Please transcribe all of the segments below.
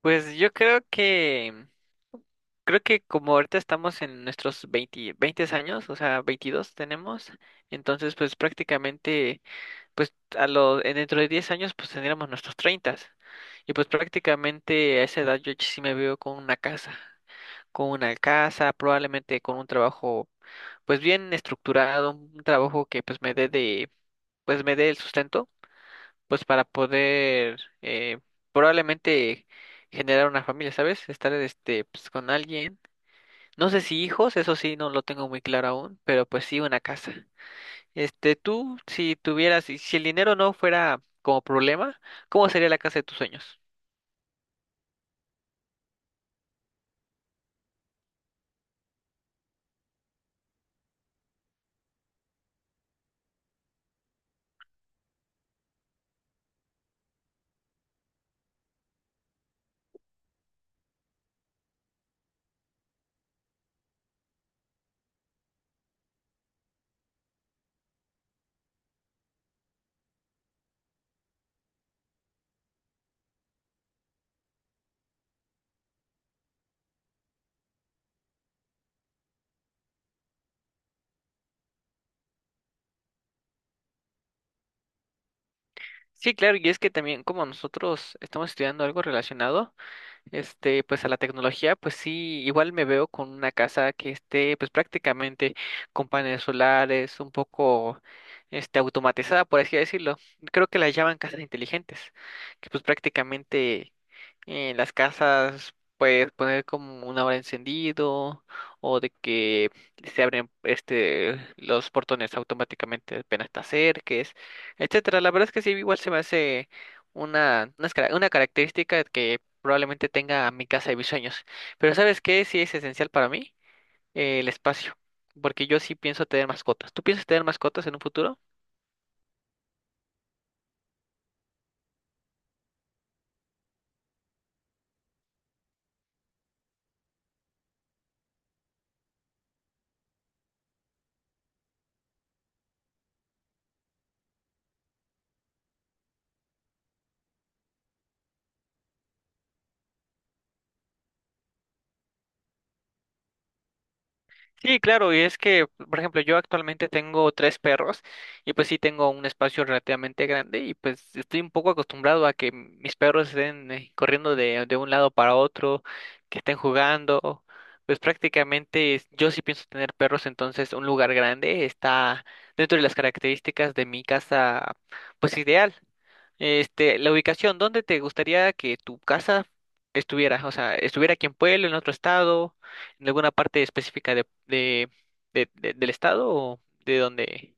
Pues yo creo que como ahorita estamos en nuestros 20, 20 años, o sea, 22 tenemos, entonces pues prácticamente, pues dentro de 10 años pues tendríamos nuestros 30. Y pues prácticamente a esa edad yo sí me veo con una casa, probablemente con un trabajo pues bien estructurado, un trabajo que pues pues me dé el sustento pues para poder probablemente generar una familia, ¿sabes? Estar pues con alguien. No sé si hijos, eso sí no lo tengo muy claro aún, pero pues sí una casa. Tú si tuvieras si si el dinero no fuera como problema, ¿cómo sería la casa de tus sueños? Sí, claro, y es que también como nosotros estamos estudiando algo relacionado pues a la tecnología, pues sí, igual me veo con una casa que esté pues prácticamente con paneles solares, un poco automatizada, por así decirlo. Creo que la llaman casas inteligentes, que pues prácticamente en las casas puedes poner como una hora encendido o de que se abren los portones automáticamente apenas te acerques, etcétera. La verdad es que sí, igual se me hace una característica que probablemente tenga mi casa de mis sueños. Pero ¿sabes qué? Sí es esencial para mí el espacio, porque yo sí pienso tener mascotas. ¿Tú piensas tener mascotas en un futuro? Sí, claro, y es que, por ejemplo, yo actualmente tengo tres perros y pues sí tengo un espacio relativamente grande y pues estoy un poco acostumbrado a que mis perros estén corriendo de un lado para otro, que estén jugando, pues prácticamente yo sí pienso tener perros, entonces un lugar grande está dentro de las características de mi casa, pues ideal. La ubicación, ¿dónde te gustaría que tu casa estuviera? O sea, estuviera aquí en Pueblo, en otro estado en alguna parte específica del estado o de dónde?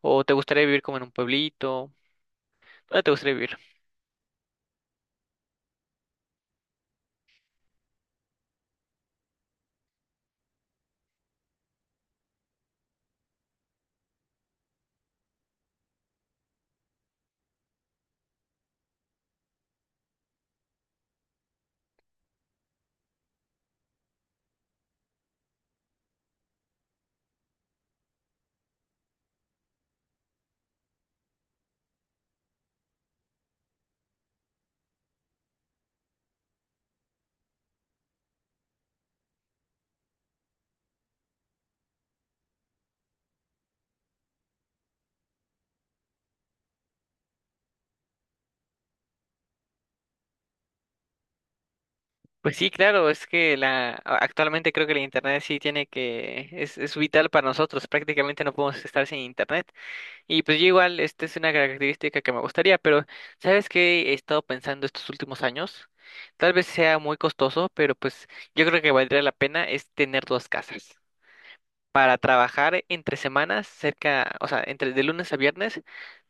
¿O te gustaría vivir como en un pueblito? ¿Dónde te gustaría vivir? Pues sí, claro, es que actualmente creo que la internet sí tiene que es vital para nosotros, prácticamente no podemos estar sin internet. Y pues yo igual esta es una característica que me gustaría, pero ¿sabes qué he estado pensando estos últimos años? Tal vez sea muy costoso, pero pues yo creo que valdría la pena es tener dos casas. Para trabajar entre semanas cerca, o sea, entre de lunes a viernes,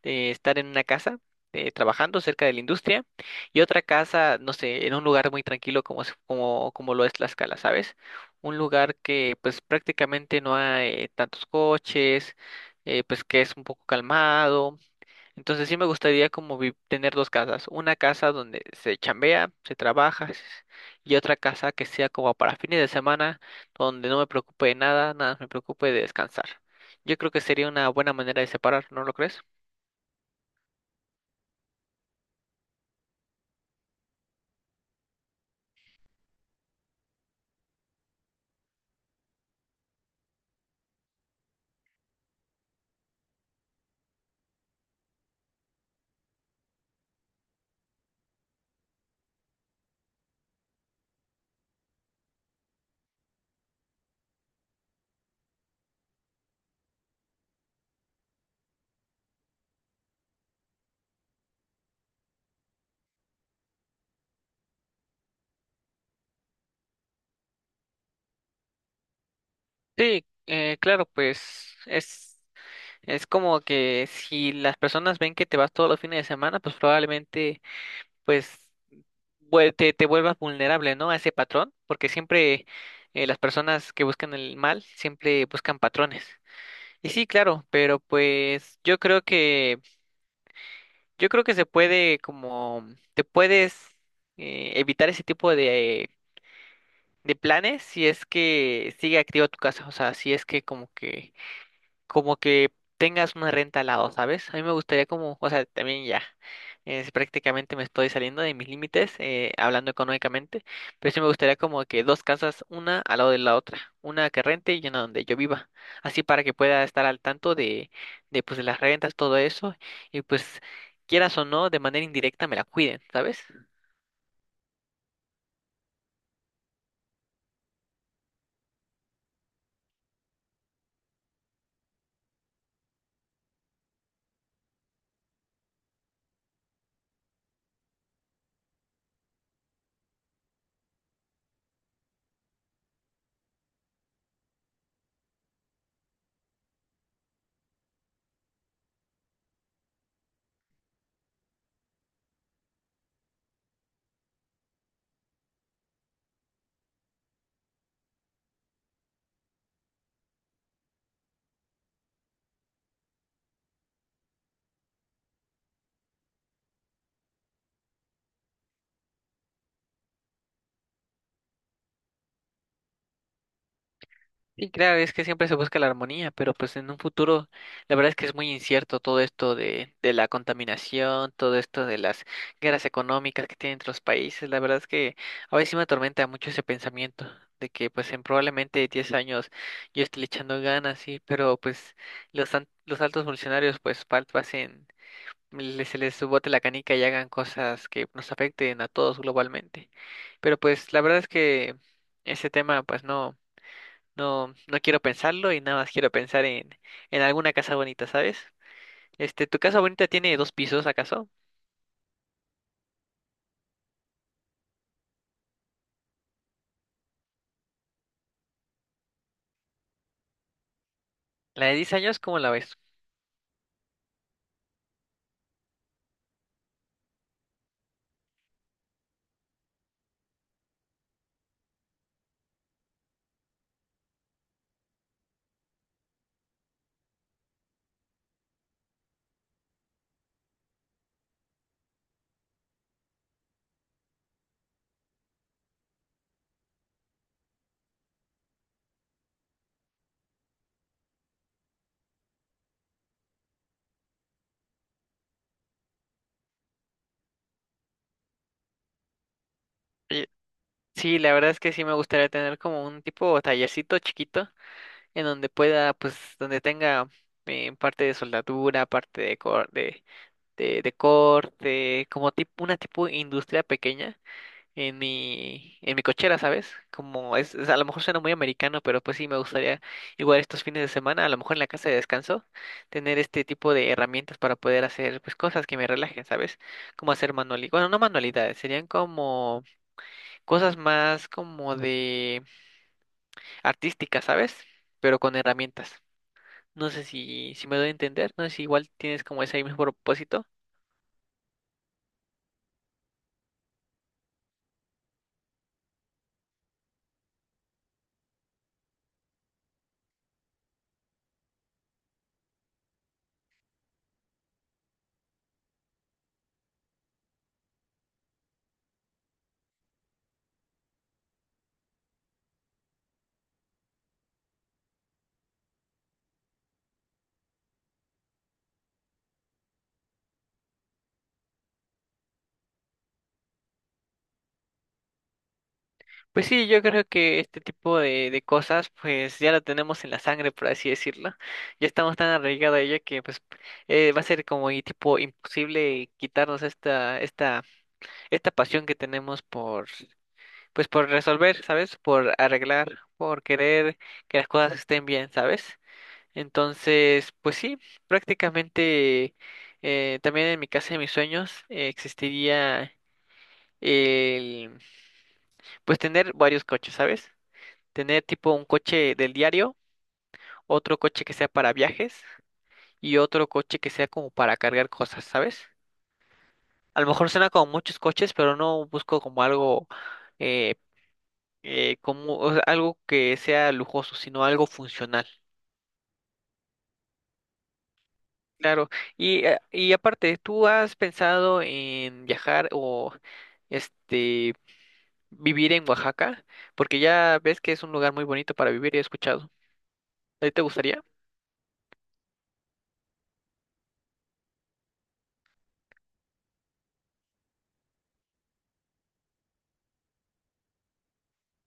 estar en una casa trabajando cerca de la industria y otra casa, no sé, en un lugar muy tranquilo como lo es Tlaxcala, ¿sabes? Un lugar que pues prácticamente no hay tantos coches, pues que es un poco calmado. Entonces sí me gustaría como tener dos casas, una casa donde se chambea, se trabaja y otra casa que sea como para fines de semana, donde no me preocupe de nada, nada más me preocupe de descansar. Yo creo que sería una buena manera de separar, ¿no lo crees? Sí, claro, pues es como que si las personas ven que te vas todos los fines de semana, pues probablemente pues te vuelvas vulnerable, ¿no? A ese patrón, porque siempre las personas que buscan el mal siempre buscan patrones. Y sí, claro, pero pues yo creo que se puede como te puedes evitar ese tipo de planes si es que sigue activo tu casa, o sea, si es que como que tengas una renta al lado, ¿sabes? A mí me gustaría como, o sea, también ya, prácticamente me estoy saliendo de mis límites, hablando económicamente, pero sí me gustaría como que dos casas, una al lado de la otra, una que rente y una donde yo viva, así para que pueda estar al tanto de las rentas, todo eso, y pues quieras o no, de manera indirecta me la cuiden, ¿sabes? Y claro, es que siempre se busca la armonía, pero pues en un futuro, la verdad es que es muy incierto todo esto de la contaminación, todo esto de las guerras económicas que tienen entre los países, la verdad es que a veces sí me atormenta mucho ese pensamiento de que pues en probablemente 10 años yo esté le echando ganas, sí, pero pues los altos funcionarios pues pasen, se les bote la canica y hagan cosas que nos afecten a todos globalmente. Pero pues la verdad es que ese tema pues no. No, no quiero pensarlo y nada más quiero pensar en alguna casa bonita, ¿sabes? ¿Tu casa bonita tiene dos pisos, acaso? La de 10 años, ¿cómo la ves? Eh, Sí, la verdad es que sí me gustaría tener como un tipo tallercito chiquito en donde pueda, pues, donde tenga parte de soldadura, parte de corte, como tipo, una tipo industria pequeña en mi cochera, ¿sabes? Como a lo mejor suena muy americano, pero pues sí me gustaría igual estos fines de semana, a lo mejor en la casa de descanso, tener este tipo de herramientas para poder hacer pues cosas que me relajen, ¿sabes? Como hacer manualidades, bueno, no manualidades, serían como cosas más como de artísticas, ¿sabes? Pero con herramientas. No sé si me doy a entender, no sé si igual tienes como ese mismo propósito. Pues sí, yo creo que este tipo de cosas pues ya lo tenemos en la sangre, por así decirlo. Ya estamos tan arraigados a ello que pues va a ser como y tipo imposible quitarnos esta pasión que tenemos por pues por resolver, ¿sabes? Por arreglar, por querer que las cosas estén bien, ¿sabes? Entonces, pues sí, prácticamente también en mi casa de mis sueños existiría el pues tener varios coches, ¿sabes? Tener tipo un coche del diario, otro coche que sea para viajes y otro coche que sea como para cargar cosas, ¿sabes? A lo mejor suena como muchos coches, pero no busco como algo eh, como o sea, algo que sea lujoso, sino algo funcional. Claro. Y aparte, ¿tú has pensado en viajar o este vivir en Oaxaca? Porque ya ves que es un lugar muy bonito para vivir, he escuchado. ¿A ti te gustaría?